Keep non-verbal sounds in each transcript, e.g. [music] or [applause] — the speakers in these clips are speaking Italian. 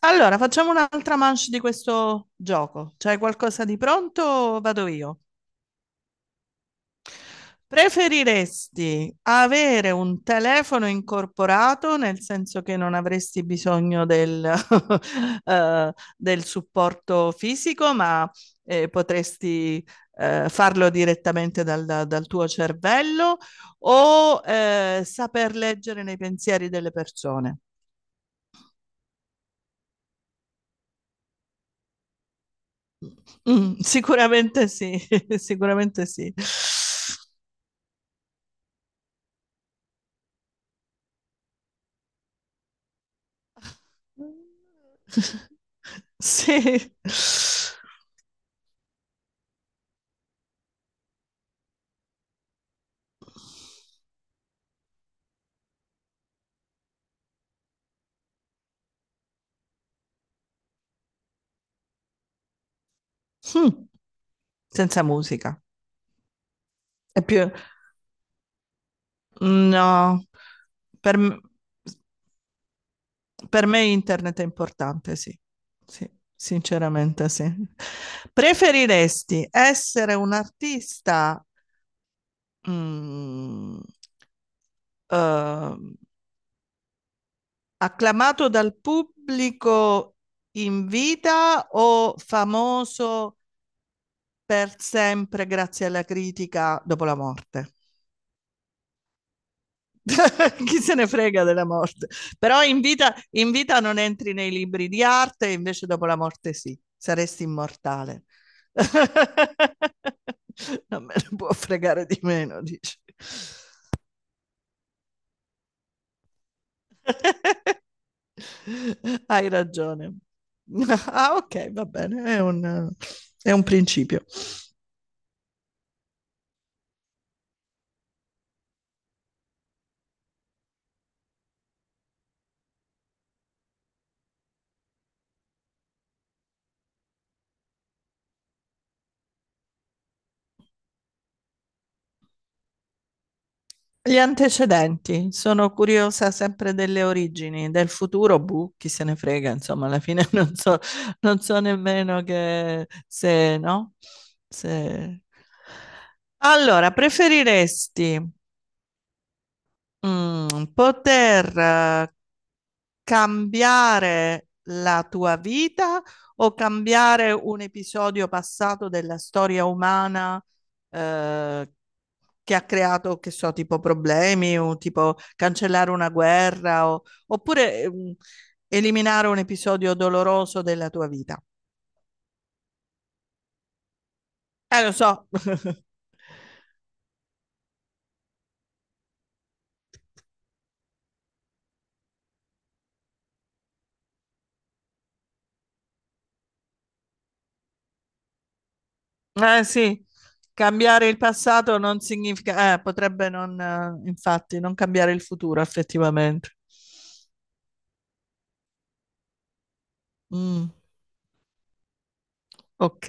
Allora, facciamo un'altra manche di questo gioco. C'hai qualcosa di pronto o vado io? Preferiresti avere un telefono incorporato, nel senso che non avresti bisogno del, [laughs] del supporto fisico, ma potresti farlo direttamente dal tuo cervello, o saper leggere nei pensieri delle persone? Sicuramente sì, [laughs] sicuramente sì. Sì. Mh. Senza musica. È più no, per m s per me internet è importante, sì. Sì, sinceramente sì. Preferiresti essere un artista, mhmm, uhm acclamato dal pubblico in vita o famoso per sempre grazie alla critica dopo la morte? [laughs] Chi se ne frega della morte? Però in vita non entri nei libri di arte, invece dopo la morte sì, saresti immortale. [laughs] Non me ne può fregare di meno, dici. [laughs] Hai ragione. [laughs] Ah, ok, va bene, è un principio. Gli antecedenti, sono curiosa sempre delle origini, del futuro, boh, chi se ne frega, insomma, alla fine [laughs] non so, non so nemmeno che se, no? Se... Allora, preferiresti mm, poter cambiare la tua vita o cambiare un episodio passato della storia umana eh, che ha creato, che so, tipo problemi o tipo cancellare una guerra o oppure eliminare un episodio doloroso della tua vita. Lo so. [laughs] Eh sì, cambiare il passato non significa, potrebbe non, infatti, non cambiare il futuro effettivamente. Mm, ok.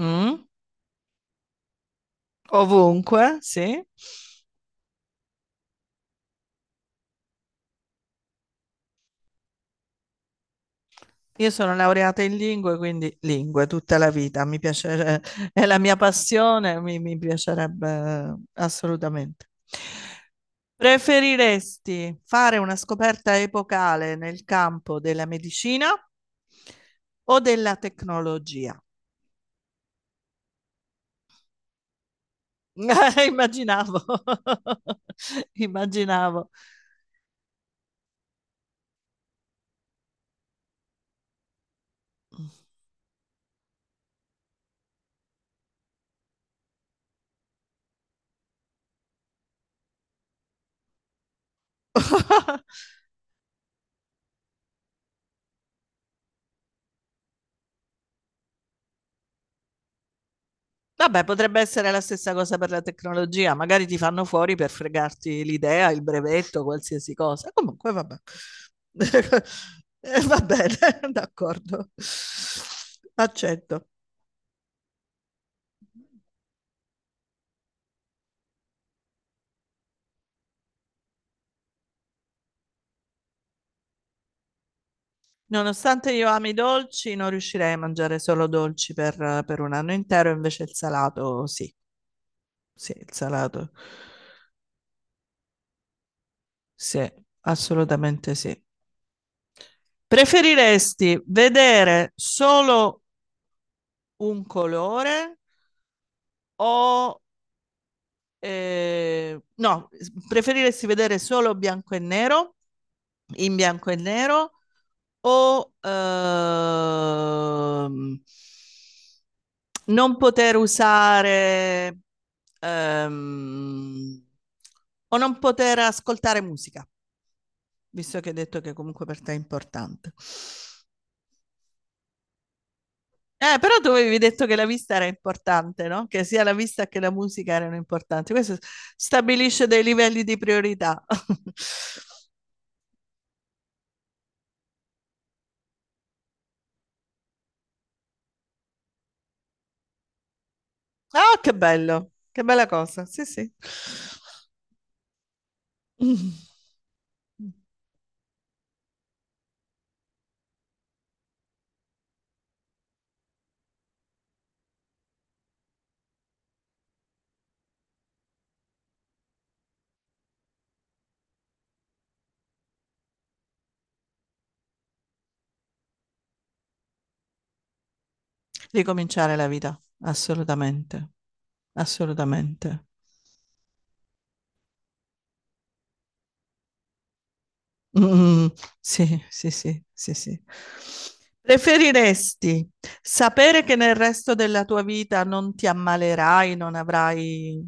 Mm, ovunque, sì. Io sono laureata in lingue, quindi lingue tutta la vita. Mi piace, è la mia passione, mi piacerebbe assolutamente. Preferiresti fare una scoperta epocale nel campo della medicina o della tecnologia? [laughs] Immaginavo, [laughs] immaginavo. [laughs] Vabbè, potrebbe essere la stessa cosa per la tecnologia, magari ti fanno fuori per fregarti l'idea, il brevetto, qualsiasi cosa. Comunque, vabbè. [laughs] Va bene, [laughs] d'accordo. Accetto. Nonostante io ami i dolci, non riuscirei a mangiare solo dolci per un anno intero, invece il salato, sì, sì, il salato, sì, assolutamente sì. Preferiresti vedere solo un colore o no, preferiresti vedere solo bianco e nero, in bianco e nero, o non poter usare, ehm, o non poter ascoltare musica, visto che hai detto che comunque per te è importante. Però tu avevi detto che la vista era importante, no? Che sia la vista che la musica erano importanti. Questo stabilisce dei livelli di priorità. [laughs] Ah, che bello, che bella cosa. Sì, sì. Mm. Ricominciare la vita, assolutamente, assolutamente. Mm, sì, sì, sì, sì, sì. Preferiresti sapere che nel resto della tua vita non ti ammalerai, non avrai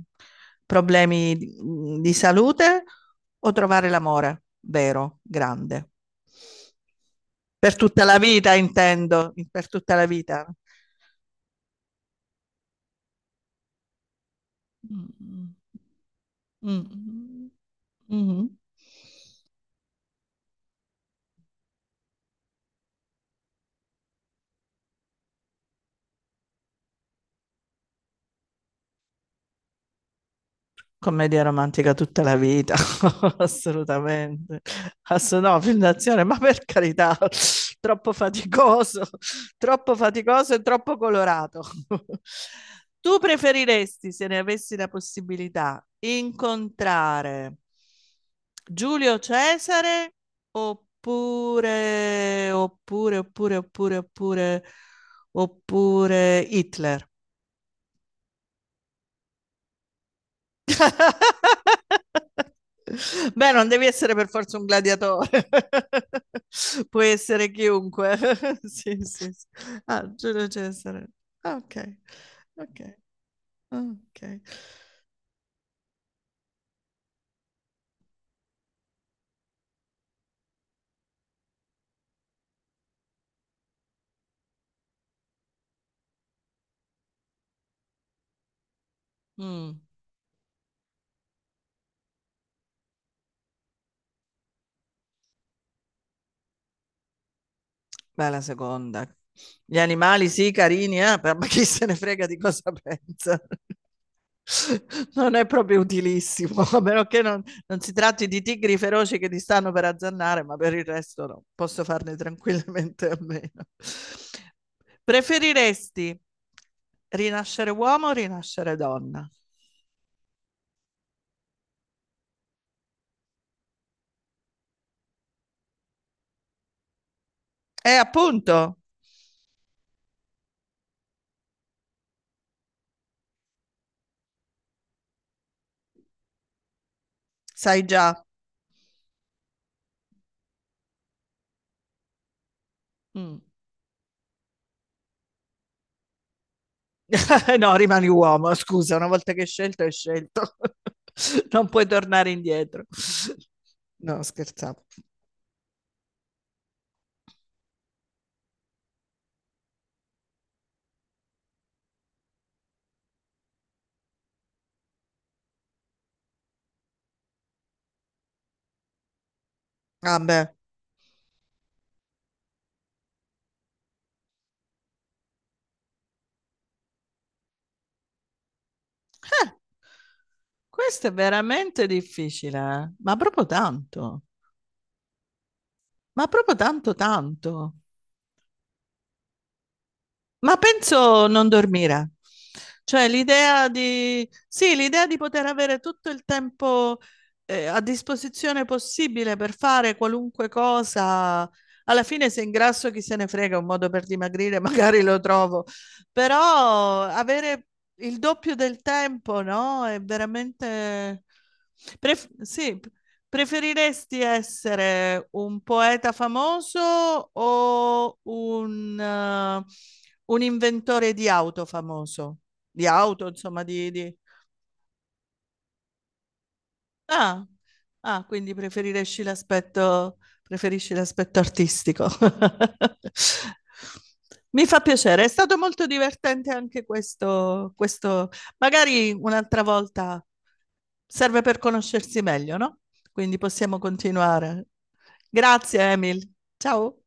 problemi di salute o trovare l'amore vero, grande. Per tutta la vita, intendo, per tutta la vita. Mm. Mm. Mm-hmm. Commedia romantica tutta la vita, [laughs] assolutamente. Ass- no, film d'azione, ma per carità, [laughs] troppo faticoso, troppo faticoso e troppo colorato. [laughs] Tu preferiresti, se ne avessi la possibilità, incontrare Giulio Cesare oppure, oppure, oppure, oppure, oppure, oppure Hitler? [laughs] Beh, non devi essere per forza un gladiatore, [laughs] puoi essere chiunque. [laughs] Sì, sì, sì. Ah, Giulio Cesare. Ah, ok, ok, ah, ok. Mm. Beh, la seconda. Gli animali sì, carini, però ma chi se ne frega di cosa pensa? [laughs] Non è proprio utilissimo, a meno che non, non si tratti di tigri feroci che ti stanno per azzannare, ma per il resto no, posso farne tranquillamente a meno. Preferiresti rinascere uomo o rinascere donna? E appunto, sai già. Mm. [laughs] No, rimani uomo, scusa, una volta che hai scelto, hai scelto. [laughs] Non puoi tornare indietro. No, scherzavo. Vabbè. Eh, questo è veramente difficile, eh. Ma proprio tanto, ma proprio tanto tanto. Ma penso non dormire. Cioè l'idea di, sì, l'idea di poter avere tutto il tempo a disposizione possibile per fare qualunque cosa. Alla fine se ingrasso chi se ne frega, un modo per dimagrire [laughs] magari lo trovo, però avere il doppio del tempo, no? È veramente... Pref- sì, preferiresti essere un poeta famoso o un inventore di auto famoso, di auto, insomma, di- Ah, ah, quindi preferisci l'aspetto artistico. [laughs] Mi fa piacere, è stato molto divertente anche questo, questo. Magari un'altra volta serve per conoscersi meglio, no? Quindi possiamo continuare. Grazie, Emil. Ciao.